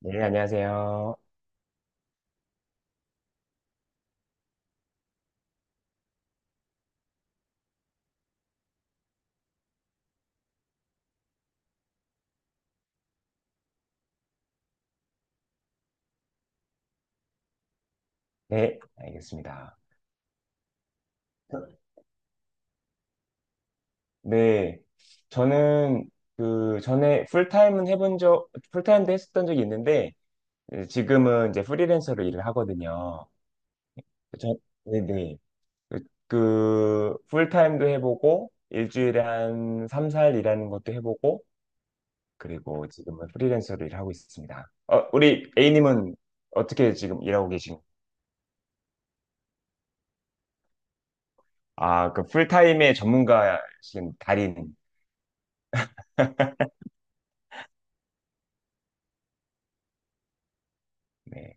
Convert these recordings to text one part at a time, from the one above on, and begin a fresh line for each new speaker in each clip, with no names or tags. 네, 안녕하세요. 네, 알겠습니다. 네, 저는 그 전에 풀타임도 했었던 적이 있는데, 예, 지금은 이제 프리랜서로 일을 하거든요. 저, 네네. 그, 그 풀타임도 해보고, 일주일에 한 3, 4일 일하는 것도 해보고, 그리고 지금은 프리랜서로 일하고 있습니다. 어, 우리 A님은 어떻게 지금 일하고 가요? 아, 그 풀타임의 전문가신 달인. 네.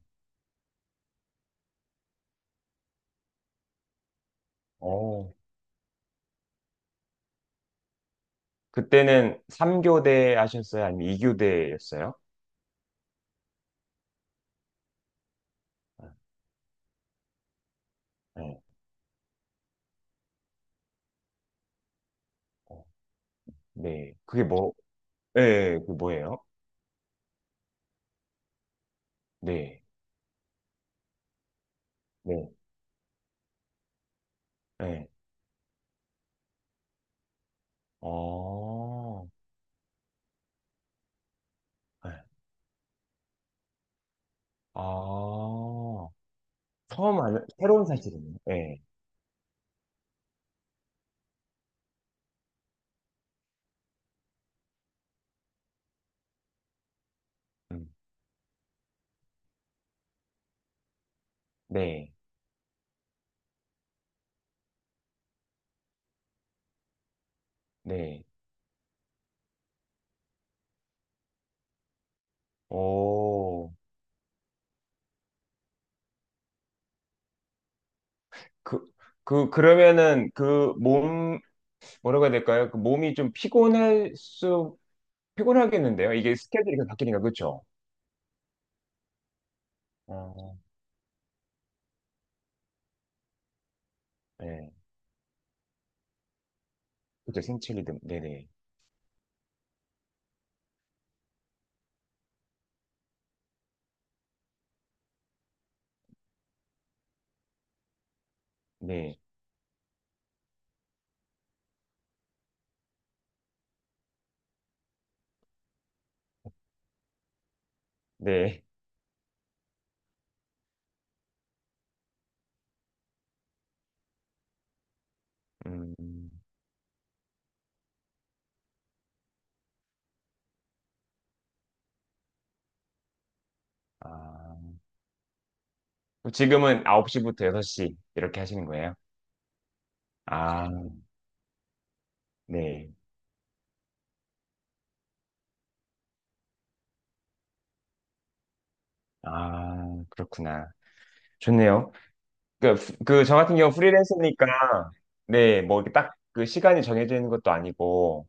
오. 그때는 3교대 하셨어요? 아니면 2교대였어요? 네. 어, 네. 그게 뭐, 네, 그 뭐예요? 네. 네. 네. 어, 네. 아, 새로운 사실이네요. 네. 음, 네. 네. 오, 그, 그러면은 뭐라고 해야 될까요? 그 몸이 좀 피곤하겠는데요? 이게 스케줄이 계속 바뀌니까, 그쵸? 어, 네. 그쵸, 생체 리듬. 네네. 네. 네. 네. 음, 아, 그럼 지금은 9시부터 6시 이렇게 하시는 거예요? 아, 네. 아, 그렇구나. 좋네요. 그, 저 같은 경우 프리랜서니까, 네, 뭐, 딱 그 시간이 정해져 있는 것도 아니고,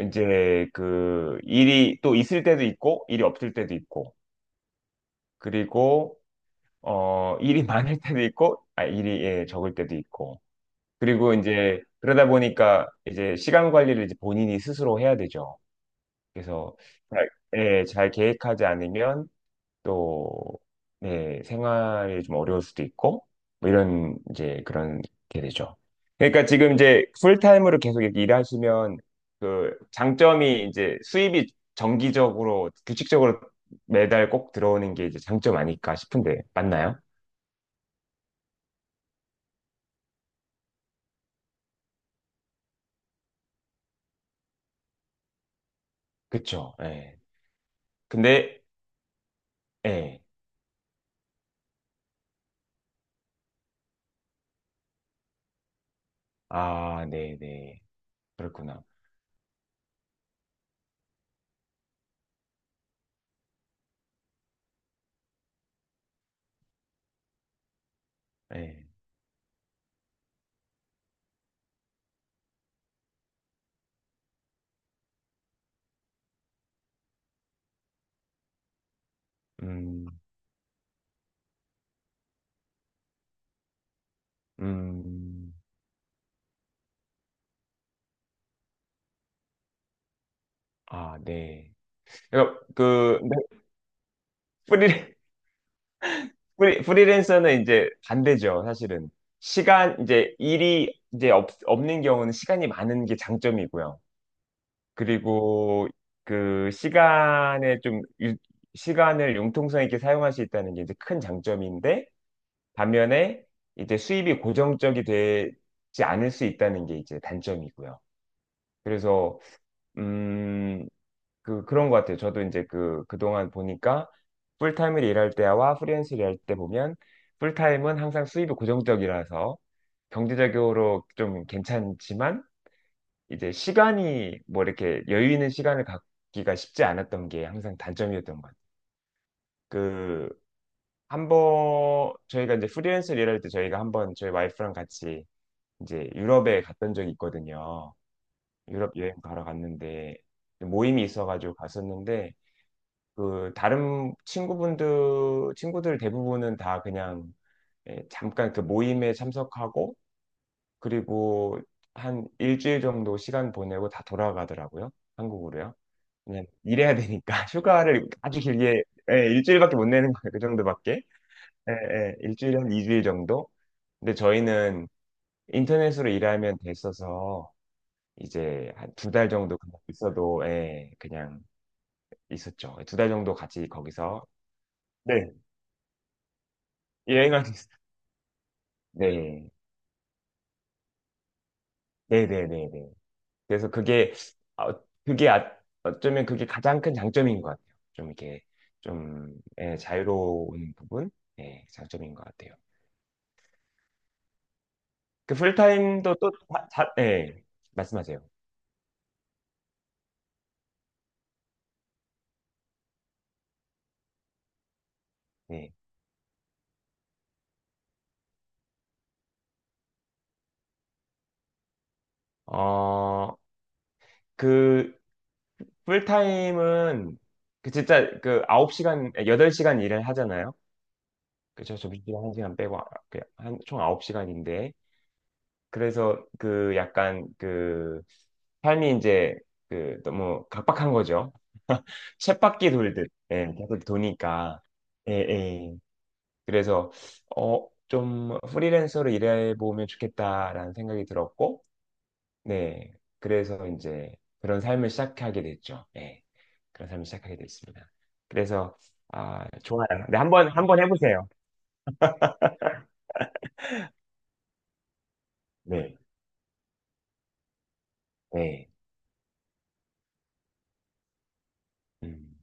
이제 그 일이 또 있을 때도 있고, 일이 없을 때도 있고, 그리고, 일이 많을 때도 있고, 아, 일이, 예, 적을 때도 있고. 그리고 이제, 그러다 보니까 이제 시간 관리를 이제 본인이 스스로 해야 되죠. 그래서 잘, 예, 잘 계획하지 않으면 또, 네, 생활이 좀 어려울 수도 있고, 뭐 이런, 이제 그런 게 되죠. 그러니까 지금 이제 풀타임으로 계속 이렇게 일하시면 그 장점이 이제 수입이 정기적으로, 규칙적으로 매달 꼭 들어오는 게 이제 장점 아닐까 싶은데, 맞나요? 그쵸, 예. 근데, 예. 아, 네네. 그렇구나. 예. 음, 음, 아, 네. 그러니까 그 근데 프리 프리랜서는 이제 반대죠, 사실은. 시간 이제 일이 이제 없는 경우는 시간이 많은 게 장점이고요. 그리고 그 시간에 시간을 융통성 있게 사용할 수 있다는 게 이제 큰 장점인데 반면에 이제 수입이 고정적이 되지 않을 수 있다는 게 이제 단점이고요. 그래서 음, 그런 것 같아요. 저도 이제 그동안 보니까 풀타임을 일할 때와 프리랜서 일할 때 보면 풀타임은 항상 수입이 고정적이라서 경제적으로 좀 괜찮지만 이제 시간이 뭐 이렇게 여유 있는 시간을 갖기가 쉽지 않았던 게 항상 단점이었던 것 같아요. 그, 한 번, 저희가 이제 프리랜서 일할 때 저희가 한번 저희 와이프랑 같이 이제 유럽에 갔던 적이 있거든요. 유럽 여행 가러 갔는데 모임이 있어가지고 갔었는데 그 다른 친구분들 친구들 대부분은 다 그냥 예, 잠깐 그 모임에 참석하고 그리고 한 일주일 정도 시간 보내고 다 돌아가더라고요. 한국으로요. 그냥 일해야 되니까 휴가를 아주 길게 예, 일주일밖에 못 내는 거예요. 그 정도밖에. 예, 예, 일주일에 한 2주일 정도. 근데 저희는 인터넷으로 일하면 됐어서 이제 한 두 달 정도 그냥 있어도 예, 그냥 있었죠. 두 달 정도 같이 거기서 네, 여행을 했어요. 네. 네네네네. 그래서 그게, 어, 그게 아, 어쩌면 그게 가장 큰 장점인 것 같아요. 좀 이렇게, 좀, 예, 자유로운 부분? 예, 장점인 것 같아요. 그 풀타임도 또, 다, 다- 예, 말씀하세요. 네. 어, 그, 풀타임은, 그 진짜 그 9시간, 8시간 일을 하잖아요. 그죠? 점심시간 1시간 빼고, 총 9시간인데, 그래서 그 약간 그 삶이 이제 그 너무 각박한 거죠. 쳇바퀴 돌듯 예, 계속 도니까 예, 예. 그래서 좀 프리랜서로 일해보면 좋겠다라는 생각이 들었고 네 그래서 이제 그런 삶을 시작하게 됐죠. 예, 그런 삶을 시작하게 됐습니다. 그래서 아 좋아요. 네 한번 한번 해보세요. 네, 네, 음,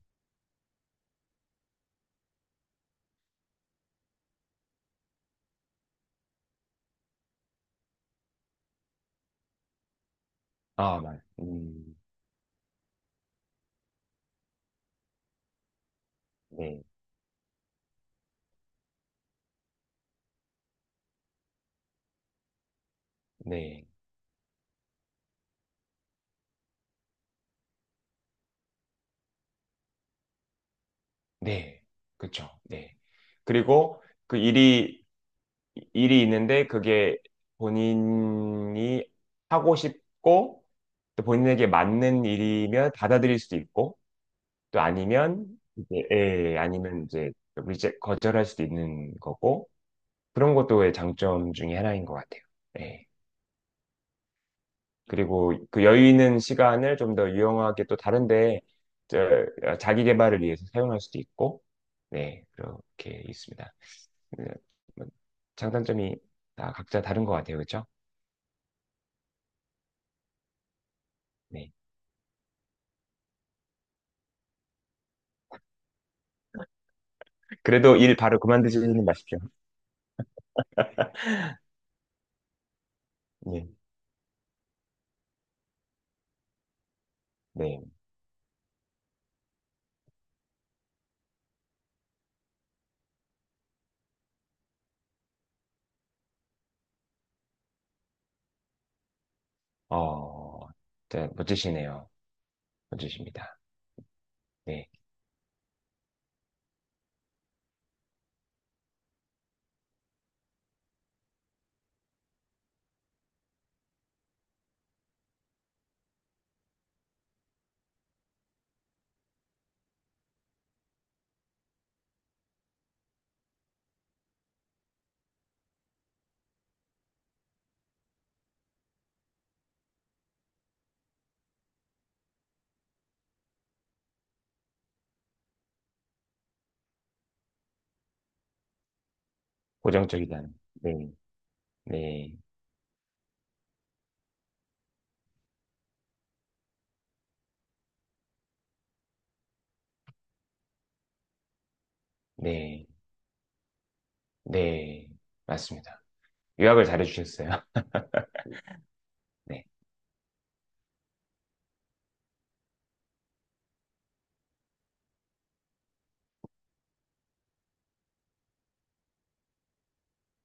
아, 네, 네. 네, 그렇죠. 네. 그리고 그 일이 있는데 그게 본인이 하고 싶고 또 본인에게 맞는 일이면 받아들일 수도 있고 또 아니면 이제 예, 아니면 이제 리제 거절할 수도 있는 거고 그런 것도 장점 중에 하나인 것 같아요. 예. 그리고 그 여유 있는 시간을 좀 더 유용하게 또 다른데 자기 개발을 위해서 사용할 수도 있고 네, 그렇게 있습니다. 그, 뭐, 장단점이 다 각자 다른 것 같아요. 그렇죠? 네. 그래도 일 바로 그만두지는 마십시오. 네. 네. 어, 진짜 멋지시네요. 멋지십니다. 네. 고정적이다는. 네. 네. 네. 네. 맞습니다. 요약을 잘해주셨어요. 네.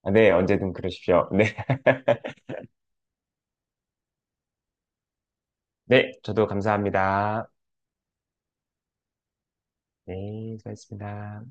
아, 네. 언제든 그러십시오. 네. 네. 저도 감사합니다. 네. 수고하셨습니다.